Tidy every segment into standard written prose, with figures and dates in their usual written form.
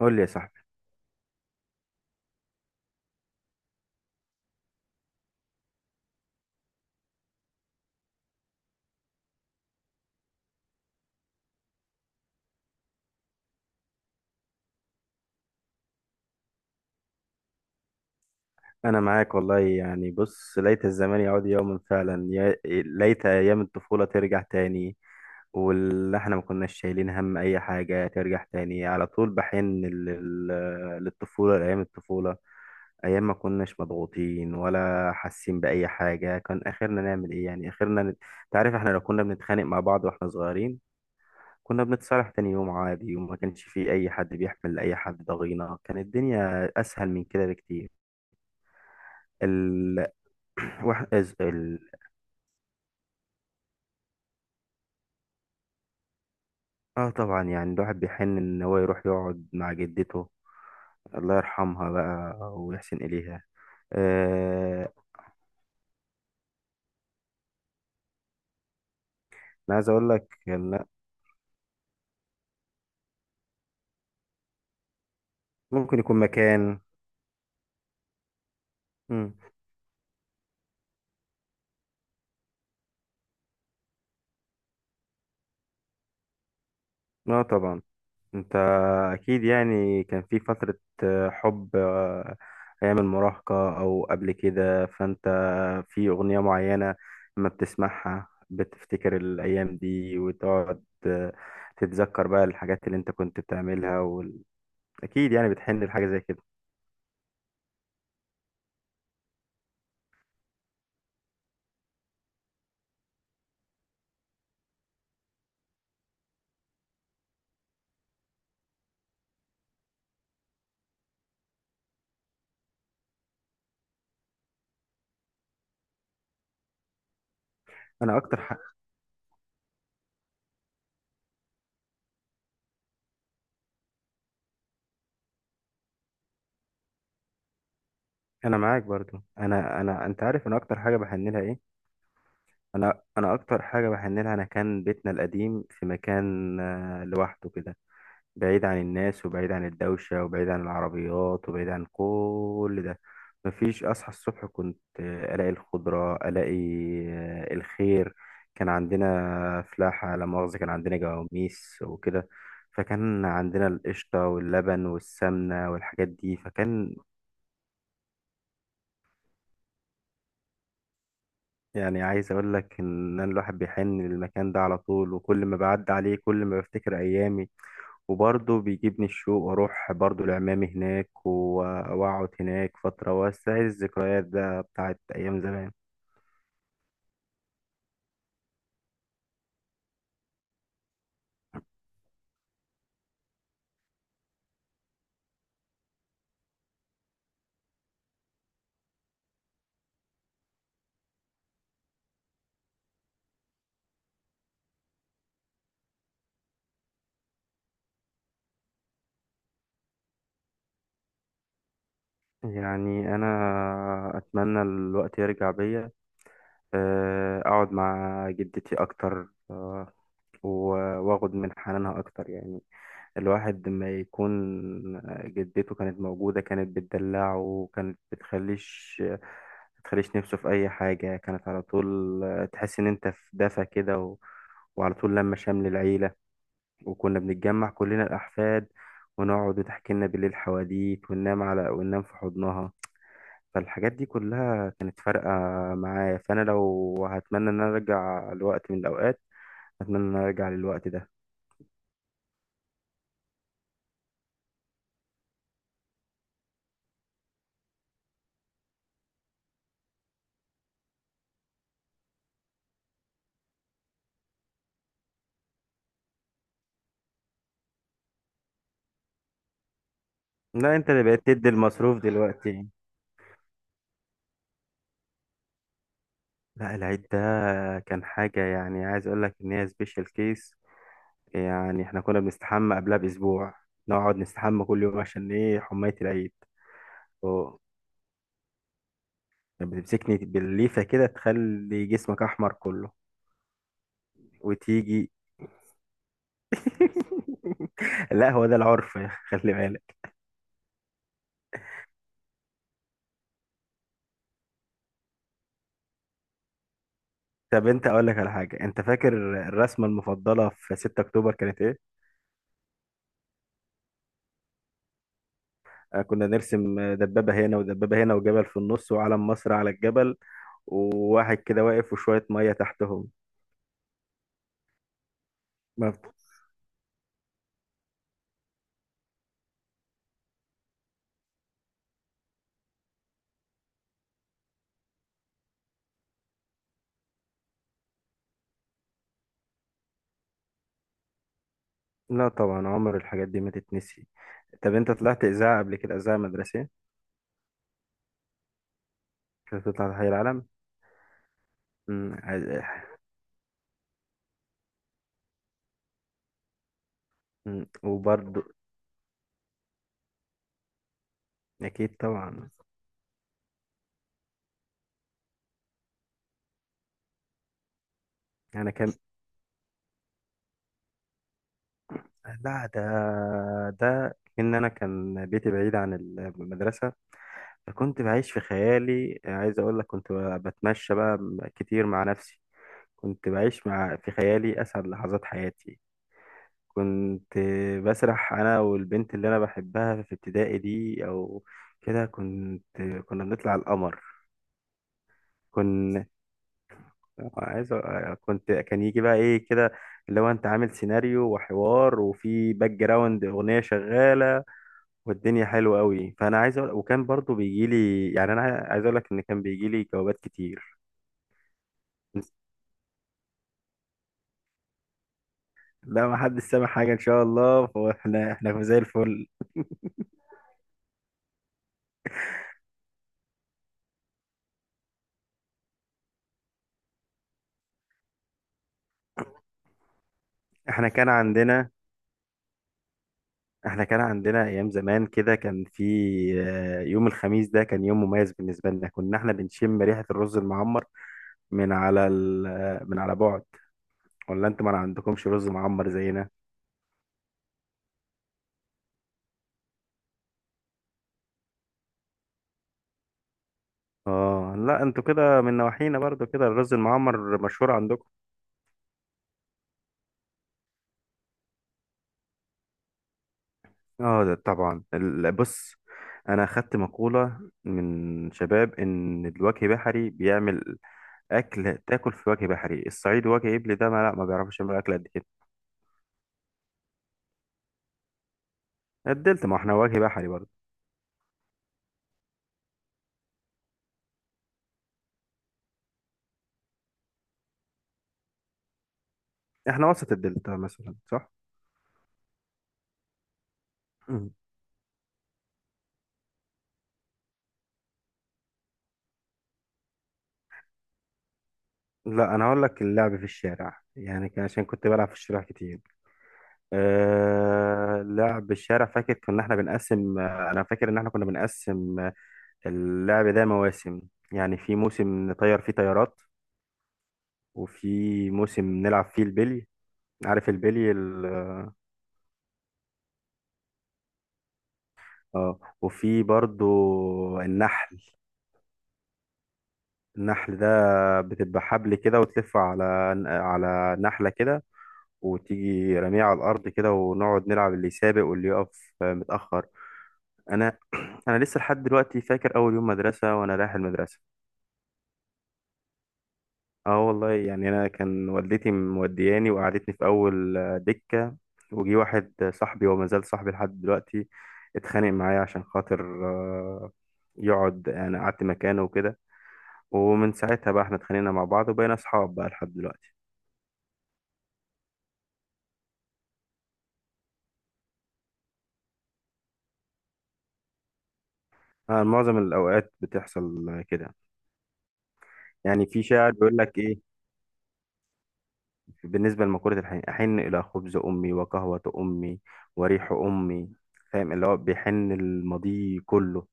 قول لي يا صاحبي. انا معاك والله، يعني بص، ليت الزمان يعود يوما فعلا، يا ليت ايام الطفوله ترجع تاني. واللي احنا ما كناش شايلين هم اي حاجه ترجع تاني، على طول بحن للطفوله، لايام الطفوله. ايام ما كناش مضغوطين ولا حاسين باي حاجه، كان اخرنا نعمل ايه يعني، اخرنا تعرف احنا لو كنا بنتخانق مع بعض واحنا صغيرين، كنا بنتصالح تاني يوم عادي، وما كانش في اي حد بيحمل اي حد ضغينه. كانت الدنيا اسهل من كده بكتير. واحد از ال... اه طبعا، يعني الواحد بيحن ان هو يروح يقعد مع جدته، الله يرحمها بقى ويحسن اليها. آه... انا عايز اقول لك إن ممكن يكون مكان. مم. اه طبعا. انت اكيد يعني كان في فترة، حب، ايام المراهقة او قبل كده، فانت في اغنية معينة لما بتسمعها بتفتكر الايام دي وتقعد تتذكر بقى الحاجات اللي انت كنت بتعملها. اكيد يعني بتحن لحاجه زي كده. انا اكتر ح... انا معاك برضو. انا انت عارف انا اكتر حاجه بحن لها ايه؟ انا اكتر حاجه بحن لها، انا كان بيتنا القديم في مكان لوحده كده، بعيد عن الناس، وبعيد عن الدوشه، وبعيد عن العربيات، وبعيد عن كل ده. مفيش، اصحى الصبح كنت الاقي الخضره، الاقي الخير. كان عندنا فلاحه لا مؤاخذه، كان عندنا جواميس وكده، فكان عندنا القشطة واللبن والسمنة والحاجات دي. فكان يعني، عايز اقول لك ان أنا الواحد بيحن للمكان ده على طول، وكل ما بعدي عليه كل ما بفتكر ايامي، وبرضه بيجيبني الشوق واروح برضه لعمامي هناك، واقعد هناك فترة واستعيد الذكريات ده بتاعت ايام زمان. يعني انا اتمنى الوقت يرجع بيا اقعد مع جدتي اكتر، واخد من حنانها اكتر يعني. الواحد لما يكون جدته كانت موجودة، كانت بتدلعه وكانت بتخليش نفسه في أي حاجة، كانت على طول تحس إن أنت في دفى كده. وعلى طول لما شمل العيلة، وكنا بنتجمع كلنا الأحفاد، ونقعد وتحكي لنا بالليل حواديت، وننام على وننام في حضنها. فالحاجات دي كلها كانت فارقة معايا. فأنا لو هتمنى إن أنا أرجع لوقت من الأوقات، أتمنى إن أنا أرجع للوقت ده. لا، أنت اللي بقيت تدي المصروف دلوقتي. لا، العيد ده كان حاجة، يعني عايز اقول لك ان هي سبيشال كيس. يعني احنا كنا بنستحمى قبلها باسبوع، نقعد نستحمى كل يوم عشان ايه، حماية العيد. اه، كانت بتمسكني بالليفة كده تخلي جسمك احمر كله. وتيجي لا، هو ده العرف. خلي بالك. طب انت اقول لك على حاجة، انت فاكر الرسمة المفضلة في 6 اكتوبر كانت ايه؟ كنا نرسم دبابة هنا ودبابة هنا وجبل في النص وعلم مصر على الجبل، وواحد كده واقف وشوية مية تحتهم. لا طبعا، عمر الحاجات دي ما تتنسي. طب انت طلعت اذاعه قبل كده، اذاعه مدرسيه؟ كنت تطلع تحيي العلم. مم، عايز- وبرضو. اكيد طبعا. انا كان، لا، ده ان انا كان بيتي بعيد عن المدرسه، فكنت بعيش في خيالي. عايز اقول لك كنت بتمشى بقى كتير مع نفسي. كنت بعيش في خيالي اسعد لحظات حياتي. كنت بسرح انا والبنت اللي انا بحبها في ابتدائي دي، او كده. كنت، كنا بنطلع القمر. كنت كنت كان يجي بقى ايه كده، اللي هو انت عامل سيناريو وحوار، وفي باك جراوند اغنيه شغاله والدنيا حلوه قوي. فانا عايز أقول، وكان برضو بيجي لي، يعني انا عايز اقول لك ان كان بيجي لي جوابات كتير. لا ما حدش سامع حاجه ان شاء الله، فاحنا زي الفل. احنا كان عندنا احنا كان عندنا ايام زمان كده. كان في، يوم الخميس ده كان يوم مميز بالنسبه لنا، كنا احنا بنشم ريحه الرز المعمر من على بعد. ولا انتوا ما عندكمش رز معمر زينا؟ اه لا، انتوا كده من نواحينا برضو، كده الرز المعمر مشهور عندكم. اه، ده طبعا بص، انا اخدت مقوله من شباب ان الوجه بحري بيعمل اكل تاكل، في وجه بحري. الصعيد وجه ابلي ده ما لا ما بيعرفش يعمل اكل قد كده. قدلت ما احنا وجه بحري برضو. احنا وسط الدلتا مثلا، صح؟ مم. لا، انا هقول لك اللعب في الشارع، يعني كان عشان كنت بلعب في الشارع كتير. أه، لعب الشارع، فاكر كنا احنا بنقسم آه، انا فاكر ان احنا كنا بنقسم اللعب ده مواسم. يعني في موسم نطير فيه طيارات، وفي موسم نلعب فيه البلي. عارف البلي اه وفي برضو النحل. النحل ده بتبقى حبل كده وتلفه على، على نحلة كده، وتيجي رميه على الارض كده ونقعد نلعب، اللي يسابق واللي يقف متاخر. انا انا لسه لحد دلوقتي فاكر اول يوم مدرسه وانا رايح المدرسه. اه والله، يعني انا كان والدتي مودياني وقعدتني في اول دكه، وجي واحد صاحبي، وما زال صاحبي لحد دلوقتي، اتخانق معايا عشان خاطر يقعد، يعني قعدت مكانه وكده. ومن ساعتها بقى احنا اتخانقنا مع بعض وبقينا اصحاب بقى لحد دلوقتي. معظم الاوقات بتحصل كده. يعني في شاعر بيقول لك إيه؟ بالنسبة لمقولة الحين: أحن إلى خبز أمي وقهوة أمي وريح أمي. فاهم، اللي هو بيحن الماضي كله.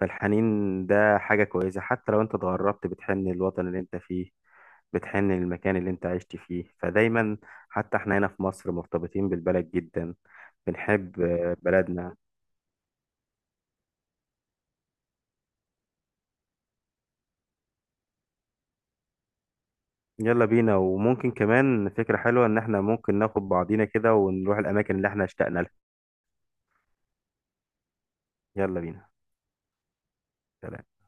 فالحنين ده حاجة كويسة، حتى لو أنت اتغربت بتحن الوطن اللي أنت فيه، بتحن المكان اللي أنت عشت فيه. فدايما حتى إحنا هنا في مصر مرتبطين بالبلد جدا، بنحب بلدنا. يلا بينا. وممكن كمان فكرة حلوة إن إحنا ممكن ناخد بعضينا كده ونروح الأماكن اللي إحنا اشتقنا لها. يلا بينا. سلام.